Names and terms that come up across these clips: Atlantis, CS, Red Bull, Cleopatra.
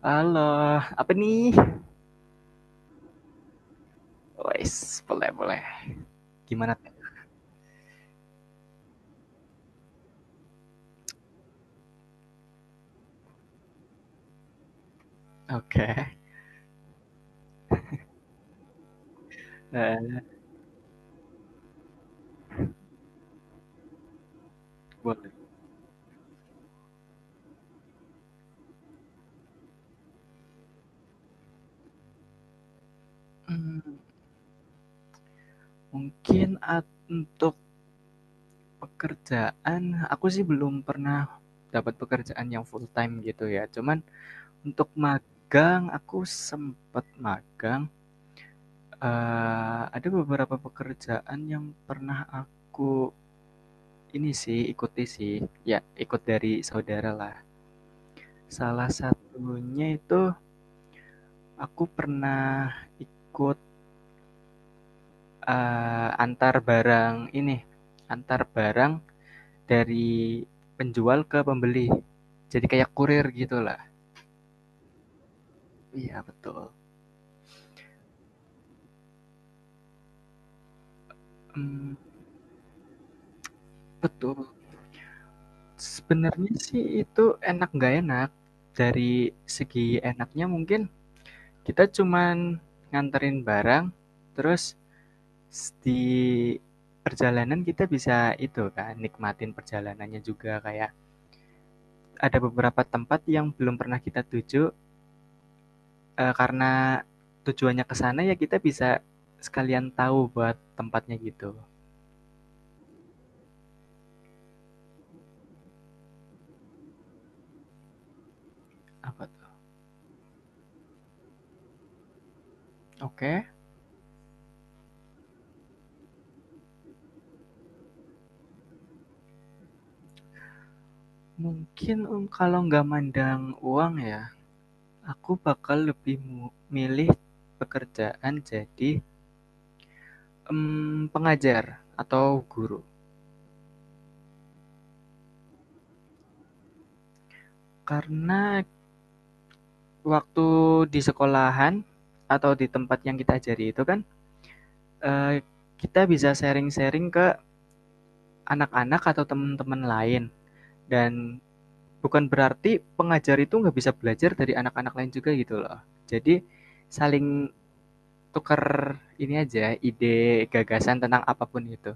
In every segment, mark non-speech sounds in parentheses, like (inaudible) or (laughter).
Halo, apa nih? Wes, boleh boleh. Gimana? Oke, nah, boleh. Mmm, mungkin at untuk pekerjaan, aku sih belum pernah dapat pekerjaan yang full time gitu ya. Cuman untuk magang, aku sempat magang, ada beberapa pekerjaan yang pernah aku ini sih, ikuti sih, ya ikut dari saudara lah. Salah satunya itu aku pernah ikut antar barang ini, antar barang dari penjual ke pembeli. Jadi kayak kurir gitulah. Iya, betul. Mmm, betul. Sebenarnya sih itu enak nggak enak. Dari segi enaknya mungkin kita cuman nganterin barang, terus di perjalanan kita bisa itu kan, nikmatin perjalanannya juga, kayak ada beberapa tempat yang belum pernah kita tuju eh, karena tujuannya ke sana ya kita bisa sekalian tahu buat tempatnya gitu. Apa tuh? Oke, mungkin kalau nggak mandang uang ya, aku bakal lebih milih pekerjaan jadi pengajar atau guru. Karena waktu di sekolahan atau di tempat yang kita ajari itu kan eh, kita bisa sharing-sharing ke anak-anak atau teman-teman lain dan bukan berarti pengajar itu nggak bisa belajar dari anak-anak lain juga gitu loh. Jadi saling tukar ini aja ide gagasan tentang apapun itu.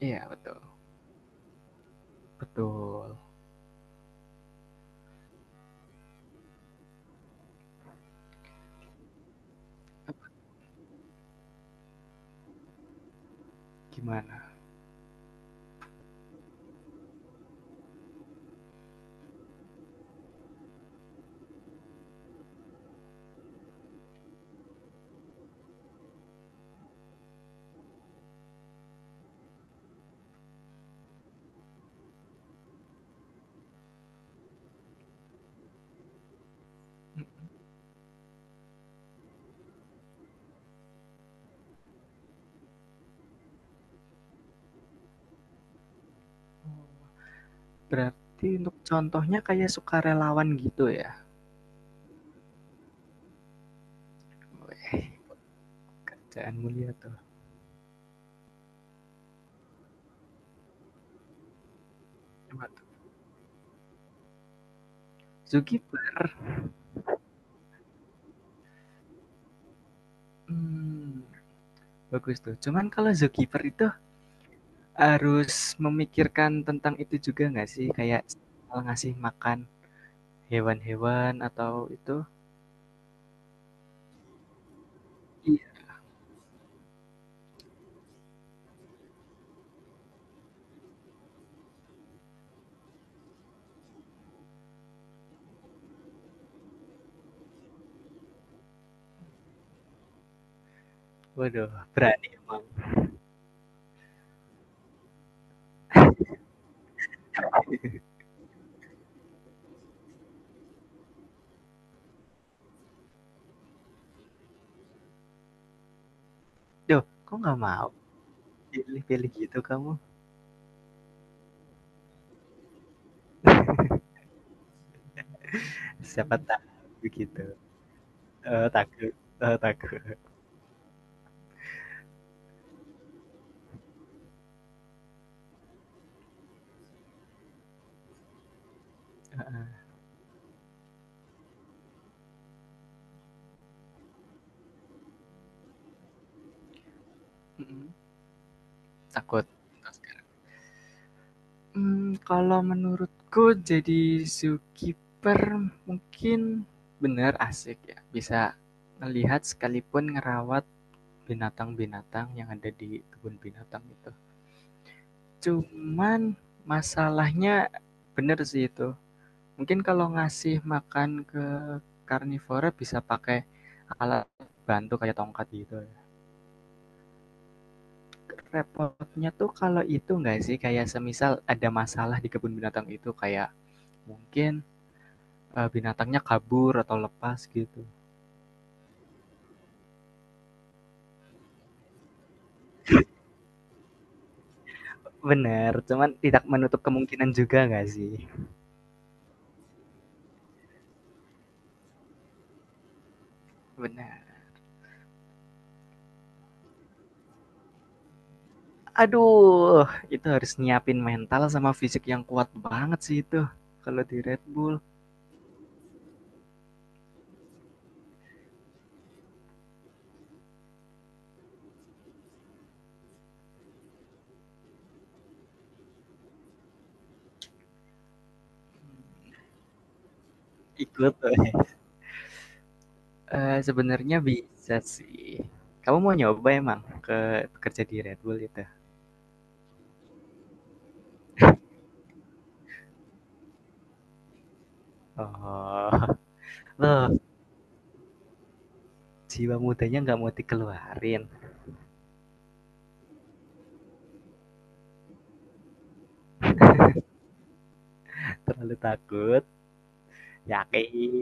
Iya betul betul. Gimana? Berarti untuk contohnya kayak sukarelawan gitu ya. Weh, kerjaan mulia tuh. Coba tuh. Zookeeper. Hmm, bagus tuh. Cuman kalau zookeeper itu harus memikirkan tentang itu juga nggak sih? Kayak ngasih makan hewan-hewan atau itu? Iya. Waduh, berani emang. Duh, kok nggak mau pilih-pilih gitu kamu? Siapa tahu begitu. Takut takut. Mhm, takut. Entah sekarang. Kalau menurutku jadi zookeeper mungkin bener asik ya, bisa melihat sekalipun ngerawat binatang-binatang yang ada di kebun binatang itu. Cuman masalahnya bener sih itu, mungkin kalau ngasih makan ke karnivora bisa pakai alat bantu kayak tongkat gitu ya. Repotnya tuh kalau itu nggak sih kayak semisal ada masalah di kebun binatang itu kayak mungkin eh, binatangnya kabur atau lepas gitu. Bener, cuman tidak menutup kemungkinan juga nggak sih? Bener. Aduh, itu harus nyiapin mental sama fisik yang kuat banget sih itu kalau di Red Bull. Ikut. (laughs) Sebenarnya bisa sih. Kamu mau nyoba emang ke kerja di Red Bull itu? Oh, (laughs) loh jiwa mudanya nggak mau dikeluarin, terlalu takut? Yakin.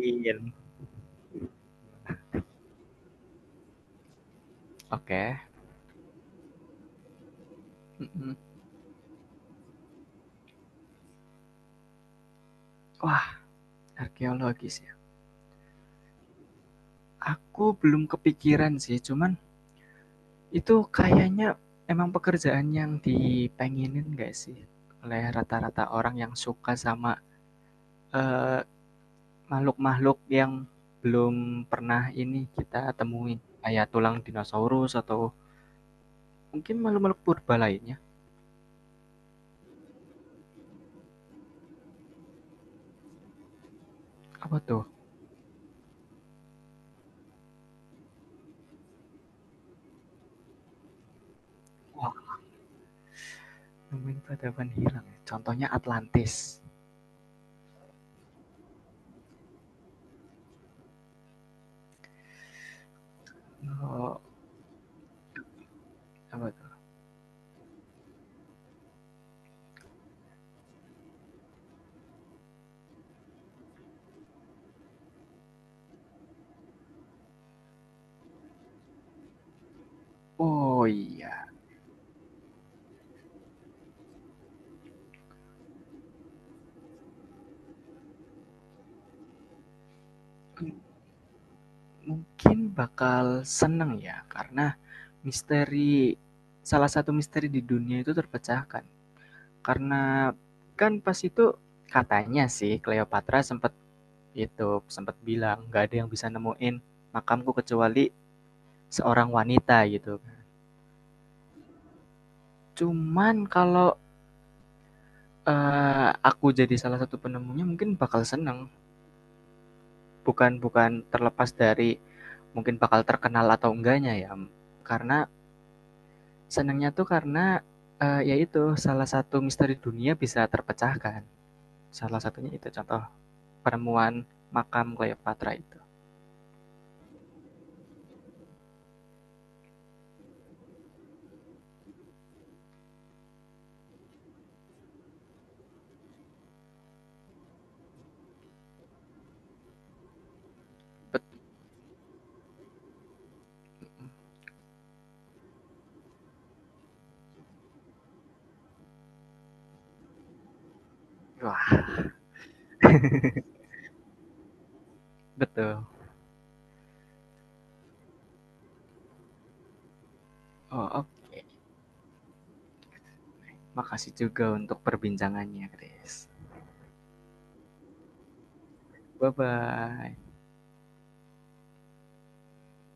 Oke, mhm. Wah, arkeologis ya? Aku belum kepikiran sih, cuman itu kayaknya emang pekerjaan yang dipengenin nggak sih oleh rata-rata orang yang suka sama, eee, makhluk-makhluk yang belum pernah ini kita temuin, kayak tulang dinosaurus atau mungkin makhluk-makhluk purba lainnya. Apa tuh? Wah, nemuin peradaban hilang ya. Contohnya Atlantis. Oh, apa tuh? Oh iya, M- mungkin bakal seneng ya karena misteri salah satu misteri di dunia itu terpecahkan. Karena kan pas itu katanya sih Cleopatra sempet itu, sempet bilang, "Nggak ada yang bisa nemuin makamku kecuali seorang wanita," gitu. Cuman kalau, aku jadi salah satu penemunya mungkin bakal seneng. Bukan bukan terlepas dari mungkin bakal terkenal atau enggaknya ya, karena senengnya tuh karena, ya salah satu misteri dunia bisa terpecahkan. Salah satunya itu contoh penemuan makam Cleopatra itu. Wah, betul. Oh, oke. Okay. Makasih juga untuk perbincangannya, Chris. Bye-bye.